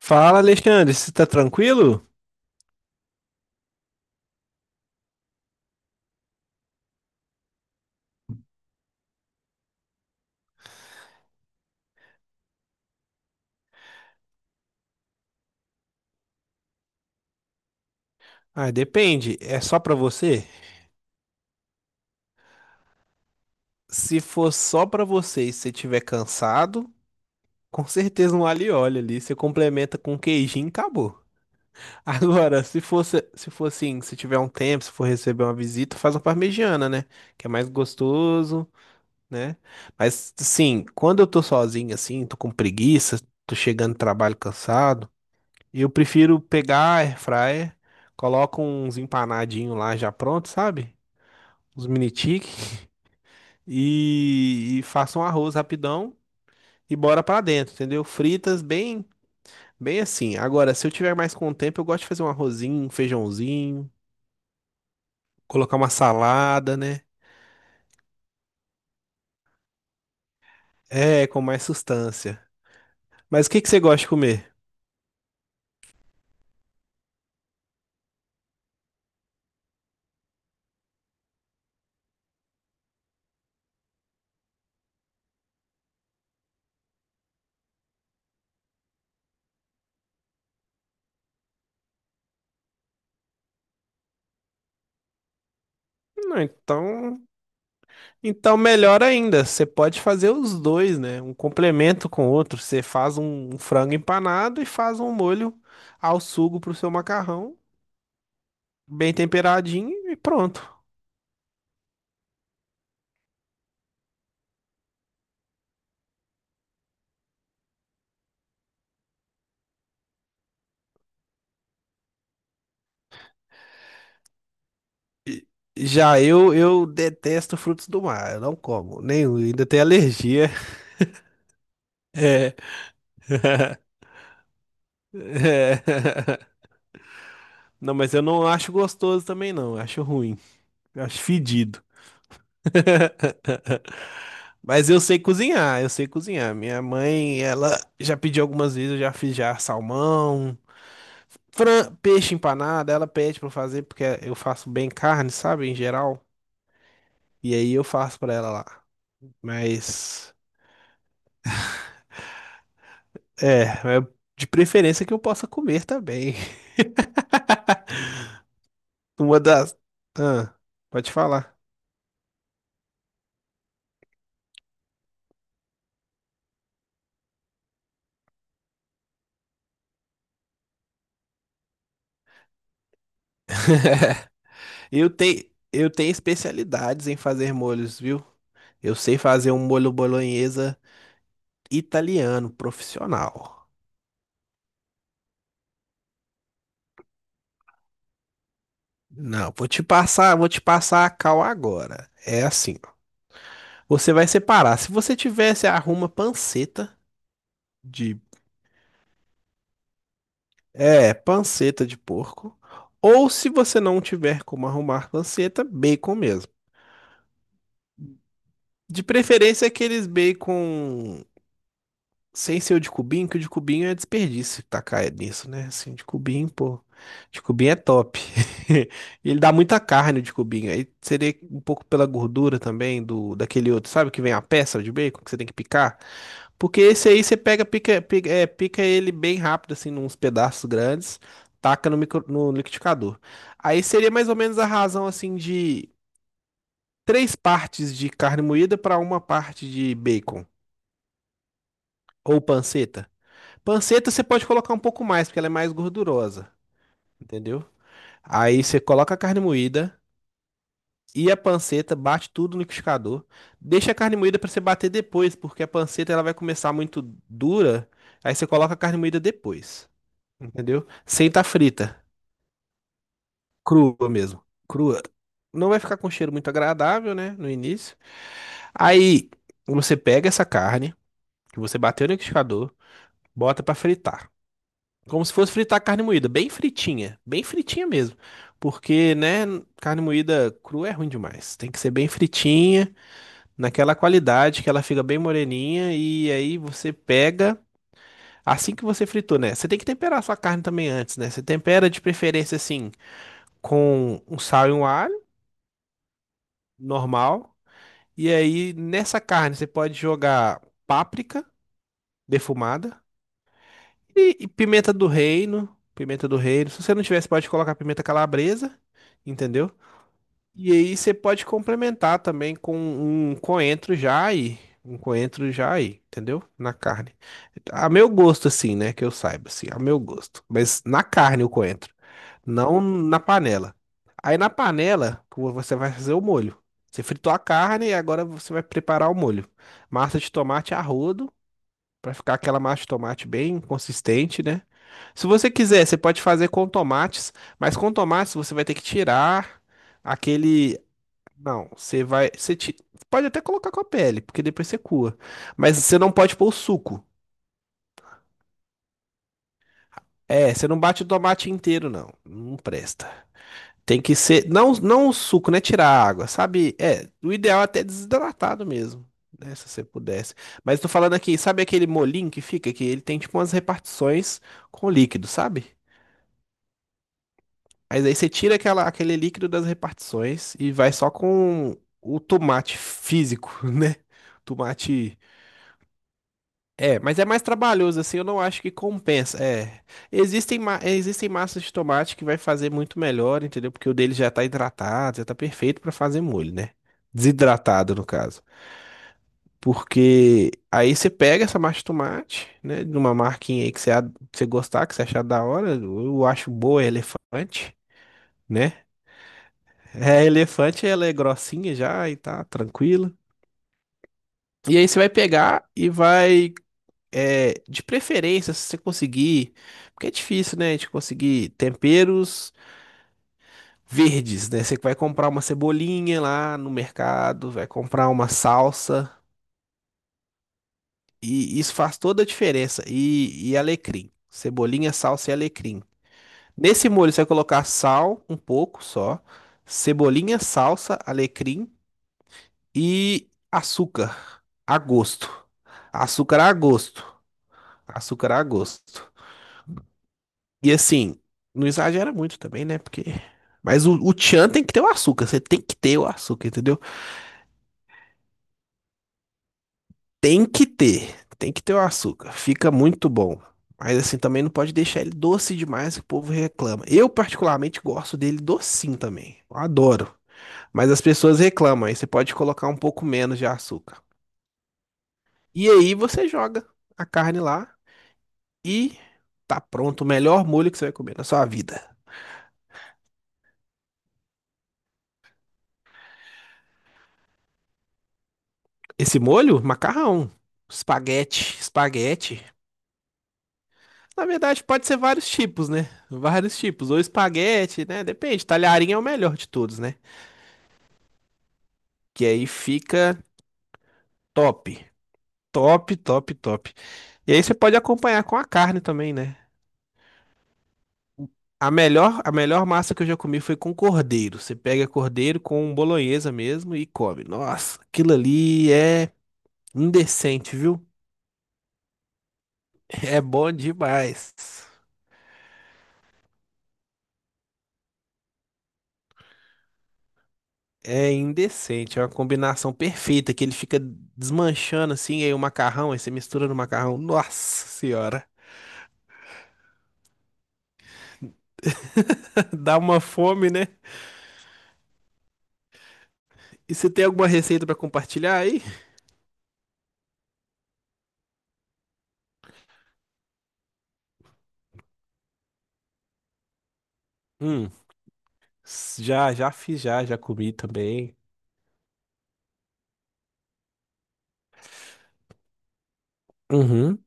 Fala, Alexandre, você tá tranquilo? Ah, depende, é só pra você? Se for só pra você e você tiver cansado, com certeza um alho e óleo ali, você complementa com um queijinho e acabou. Agora, se for assim, se tiver um tempo, se for receber uma visita, faz uma parmegiana, né? Que é mais gostoso, né? Mas, sim, quando eu tô sozinho assim, tô com preguiça, tô chegando do trabalho cansado, eu prefiro pegar a air fryer, coloco uns empanadinhos lá já pronto, sabe? Os mini tique e faça um arroz rapidão e bora pra dentro, entendeu? Fritas bem, bem assim. Agora, se eu tiver mais com o tempo, eu gosto de fazer um arrozinho, um feijãozinho, colocar uma salada, né? É, com mais sustância. Mas o que que você gosta de comer? Não, então, então melhor ainda, você pode fazer os dois, né? Um complemento com o outro. Você faz um frango empanado e faz um molho ao sugo pro seu macarrão, bem temperadinho e pronto. Já eu detesto frutos do mar, eu não como, nenhum, ainda tenho alergia. É. É. Não, mas eu não acho gostoso também não, eu acho ruim, eu acho fedido. Mas eu sei cozinhar, eu sei cozinhar. Minha mãe, ela já pediu algumas vezes, eu já fiz já salmão, peixe empanado, ela pede pra eu fazer porque eu faço bem carne, sabe, em geral. E aí eu faço pra ela lá. Mas é, é de preferência que eu possa comer também. Uma das. Ah, pode falar. Eu tenho, eu tenho especialidades em fazer molhos, viu? Eu sei fazer um molho bolonhesa italiano, profissional. Não, vou te passar a cal agora. É assim, ó. Você vai separar. Se você tivesse, arruma panceta de, é, panceta de porco. Ou se você não tiver como arrumar panceta, bacon mesmo. De preferência aqueles bacon sem ser o de cubinho, que o de cubinho é desperdício tacar nisso, né? Assim, de cubinho, pô. De cubinho é top. E ele dá muita carne o de cubinho. Aí seria um pouco pela gordura também do daquele outro, sabe? Que vem a peça de bacon que você tem que picar. Porque esse aí você pega, pica, pica, é, pica ele bem rápido, assim, nos pedaços grandes, taca no, micro, no liquidificador. Aí seria mais ou menos a razão, assim, de três partes de carne moída para uma parte de bacon. Ou panceta. Panceta você pode colocar um pouco mais, porque ela é mais gordurosa, entendeu? Aí você coloca a carne moída e a panceta, bate tudo no liquidificador. Deixa a carne moída para você bater depois, porque a panceta ela vai começar muito dura. Aí você coloca a carne moída depois, entendeu? Sem estar frita, crua mesmo, crua. Não vai ficar com cheiro muito agradável, né, no início. Aí você pega essa carne que você bateu no liquidificador, bota para fritar. Como se fosse fritar carne moída, bem fritinha mesmo. Porque, né, carne moída crua é ruim demais. Tem que ser bem fritinha, naquela qualidade que ela fica bem moreninha e aí você pega assim que você fritou, né? Você tem que temperar a sua carne também antes, né? Você tempera de preferência assim com um sal e um alho normal. E aí nessa carne você pode jogar páprica defumada. E pimenta do reino, pimenta do reino. Se você não tivesse, pode colocar pimenta calabresa, entendeu? E aí você pode complementar também com um coentro já aí, um coentro já aí, entendeu? Na carne. A meu gosto assim, né, que eu saiba assim, a meu gosto. Mas na carne o coentro, não na panela. Aí na panela que você vai fazer o molho. Você fritou a carne e agora você vai preparar o molho. Massa de tomate a rodo. Pra ficar aquela massa de tomate bem consistente, né? Se você quiser, você pode fazer com tomates, mas com tomates você vai ter que tirar aquele. Não, você vai. Pode até colocar com a pele, porque depois você coa. Mas você não pode pôr o suco. É, você não bate o tomate inteiro, não. Não presta. Tem que ser. Não, não o suco, né? Tirar a água, sabe? É, o ideal é até desidratado mesmo, né? Se você pudesse. Mas tô falando aqui, sabe aquele molinho que fica? Que ele tem tipo umas repartições com líquido, sabe? Mas aí você tira aquela, aquele líquido das repartições e vai só com o tomate físico, né? Tomate. É, mas é mais trabalhoso, assim, eu não acho que compensa. É. Existem, existem massas de tomate que vai fazer muito melhor, entendeu? Porque o dele já tá hidratado, já tá perfeito pra fazer molho, né? Desidratado, no caso. Porque aí você pega essa massa de tomate, né? De uma marquinha aí que você, que você gostar, que você achar da hora. Eu acho boa, é elefante, né? É, elefante, ela é grossinha já e tá tranquila. E aí você vai pegar e vai, é, de preferência, se você conseguir, porque é difícil, né, de conseguir temperos verdes, né? Você vai comprar uma cebolinha lá no mercado, vai comprar uma salsa, e isso faz toda a diferença. E alecrim, cebolinha, salsa e alecrim. Nesse molho você vai colocar sal, um pouco só, cebolinha, salsa, alecrim e açúcar. A gosto. Açúcar a gosto. Açúcar a gosto. E assim, não exagera muito também, né? Porque. Mas o tchan tem que ter o açúcar. Você tem que ter o açúcar, entendeu? Tem que ter. Tem que ter o açúcar. Fica muito bom. Mas assim, também não pode deixar ele doce demais que o povo reclama. Eu, particularmente, gosto dele docinho também. Eu adoro. Mas as pessoas reclamam. Aí você pode colocar um pouco menos de açúcar. E aí você joga a carne lá e tá pronto o melhor molho que você vai comer na sua vida. Esse molho? Macarrão. Espaguete. Espaguete. Na verdade, pode ser vários tipos, né? Vários tipos. Ou espaguete, né? Depende. Talharim é o melhor de todos, né? Que aí fica top. Top, top, top. E aí você pode acompanhar com a carne também, né? A melhor massa que eu já comi foi com cordeiro. Você pega cordeiro com bolonhesa mesmo e come. Nossa, aquilo ali é indecente, viu? É bom demais. É indecente, é uma combinação perfeita que ele fica desmanchando assim, e aí o macarrão, aí você mistura no macarrão. Nossa senhora, dá uma fome, né? E você tem alguma receita pra compartilhar aí? Hum, já, já fiz, já, já comi também. Uhum.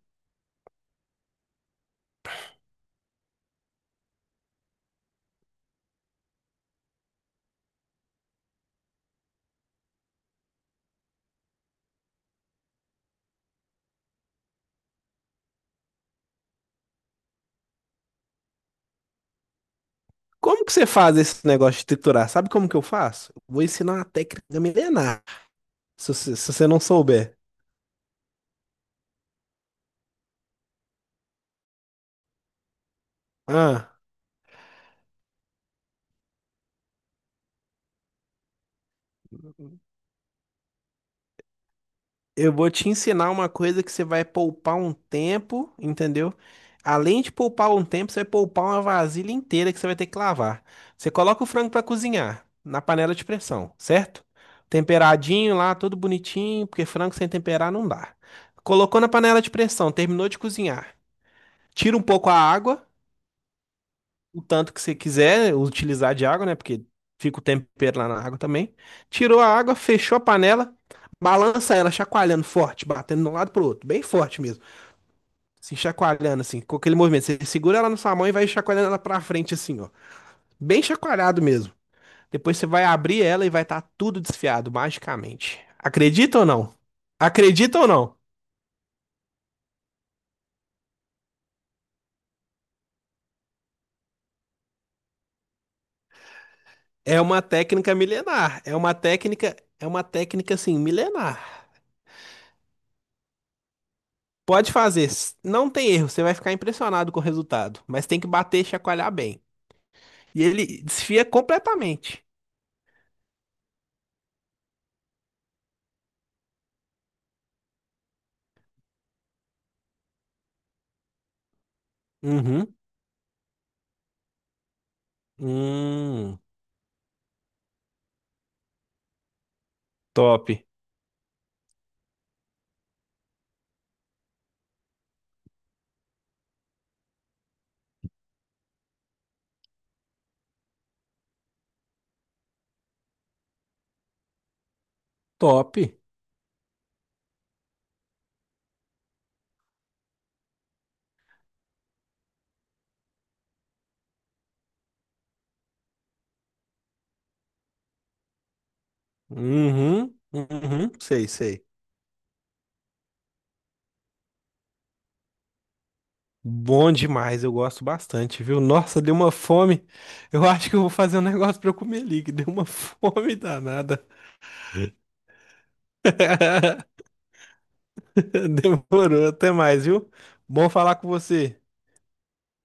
Como que você faz esse negócio de triturar? Sabe como que eu faço? Eu vou ensinar uma técnica milenar, se você não souber. Ah. Eu vou te ensinar uma coisa que você vai poupar um tempo, entendeu? Além de poupar um tempo, você vai poupar uma vasilha inteira que você vai ter que lavar. Você coloca o frango para cozinhar na panela de pressão, certo? Temperadinho lá, tudo bonitinho, porque frango sem temperar não dá. Colocou na panela de pressão, terminou de cozinhar. Tira um pouco a água, o tanto que você quiser utilizar de água, né? Porque fica o tempero lá na água também. Tirou a água, fechou a panela, balança ela, chacoalhando forte, batendo de um lado pro outro, bem forte mesmo. Assim, chacoalhando, assim, com aquele movimento. Você segura ela na sua mão e vai chacoalhando ela pra frente, assim, ó. Bem chacoalhado mesmo. Depois você vai abrir ela e vai estar tudo desfiado, magicamente. Acredita ou não? Acredita ou não? É uma técnica milenar. É uma técnica, assim, milenar. Pode fazer, não tem erro, você vai ficar impressionado com o resultado, mas tem que bater e chacoalhar bem. E ele desfia completamente. Uhum. Hum, top. Top. Uhum. Uhum. Sei, sei. Bom demais, eu gosto bastante, viu? Nossa, deu uma fome. Eu acho que eu vou fazer um negócio pra eu comer ali, que deu uma fome danada. Demorou, até mais, viu? Bom falar com você.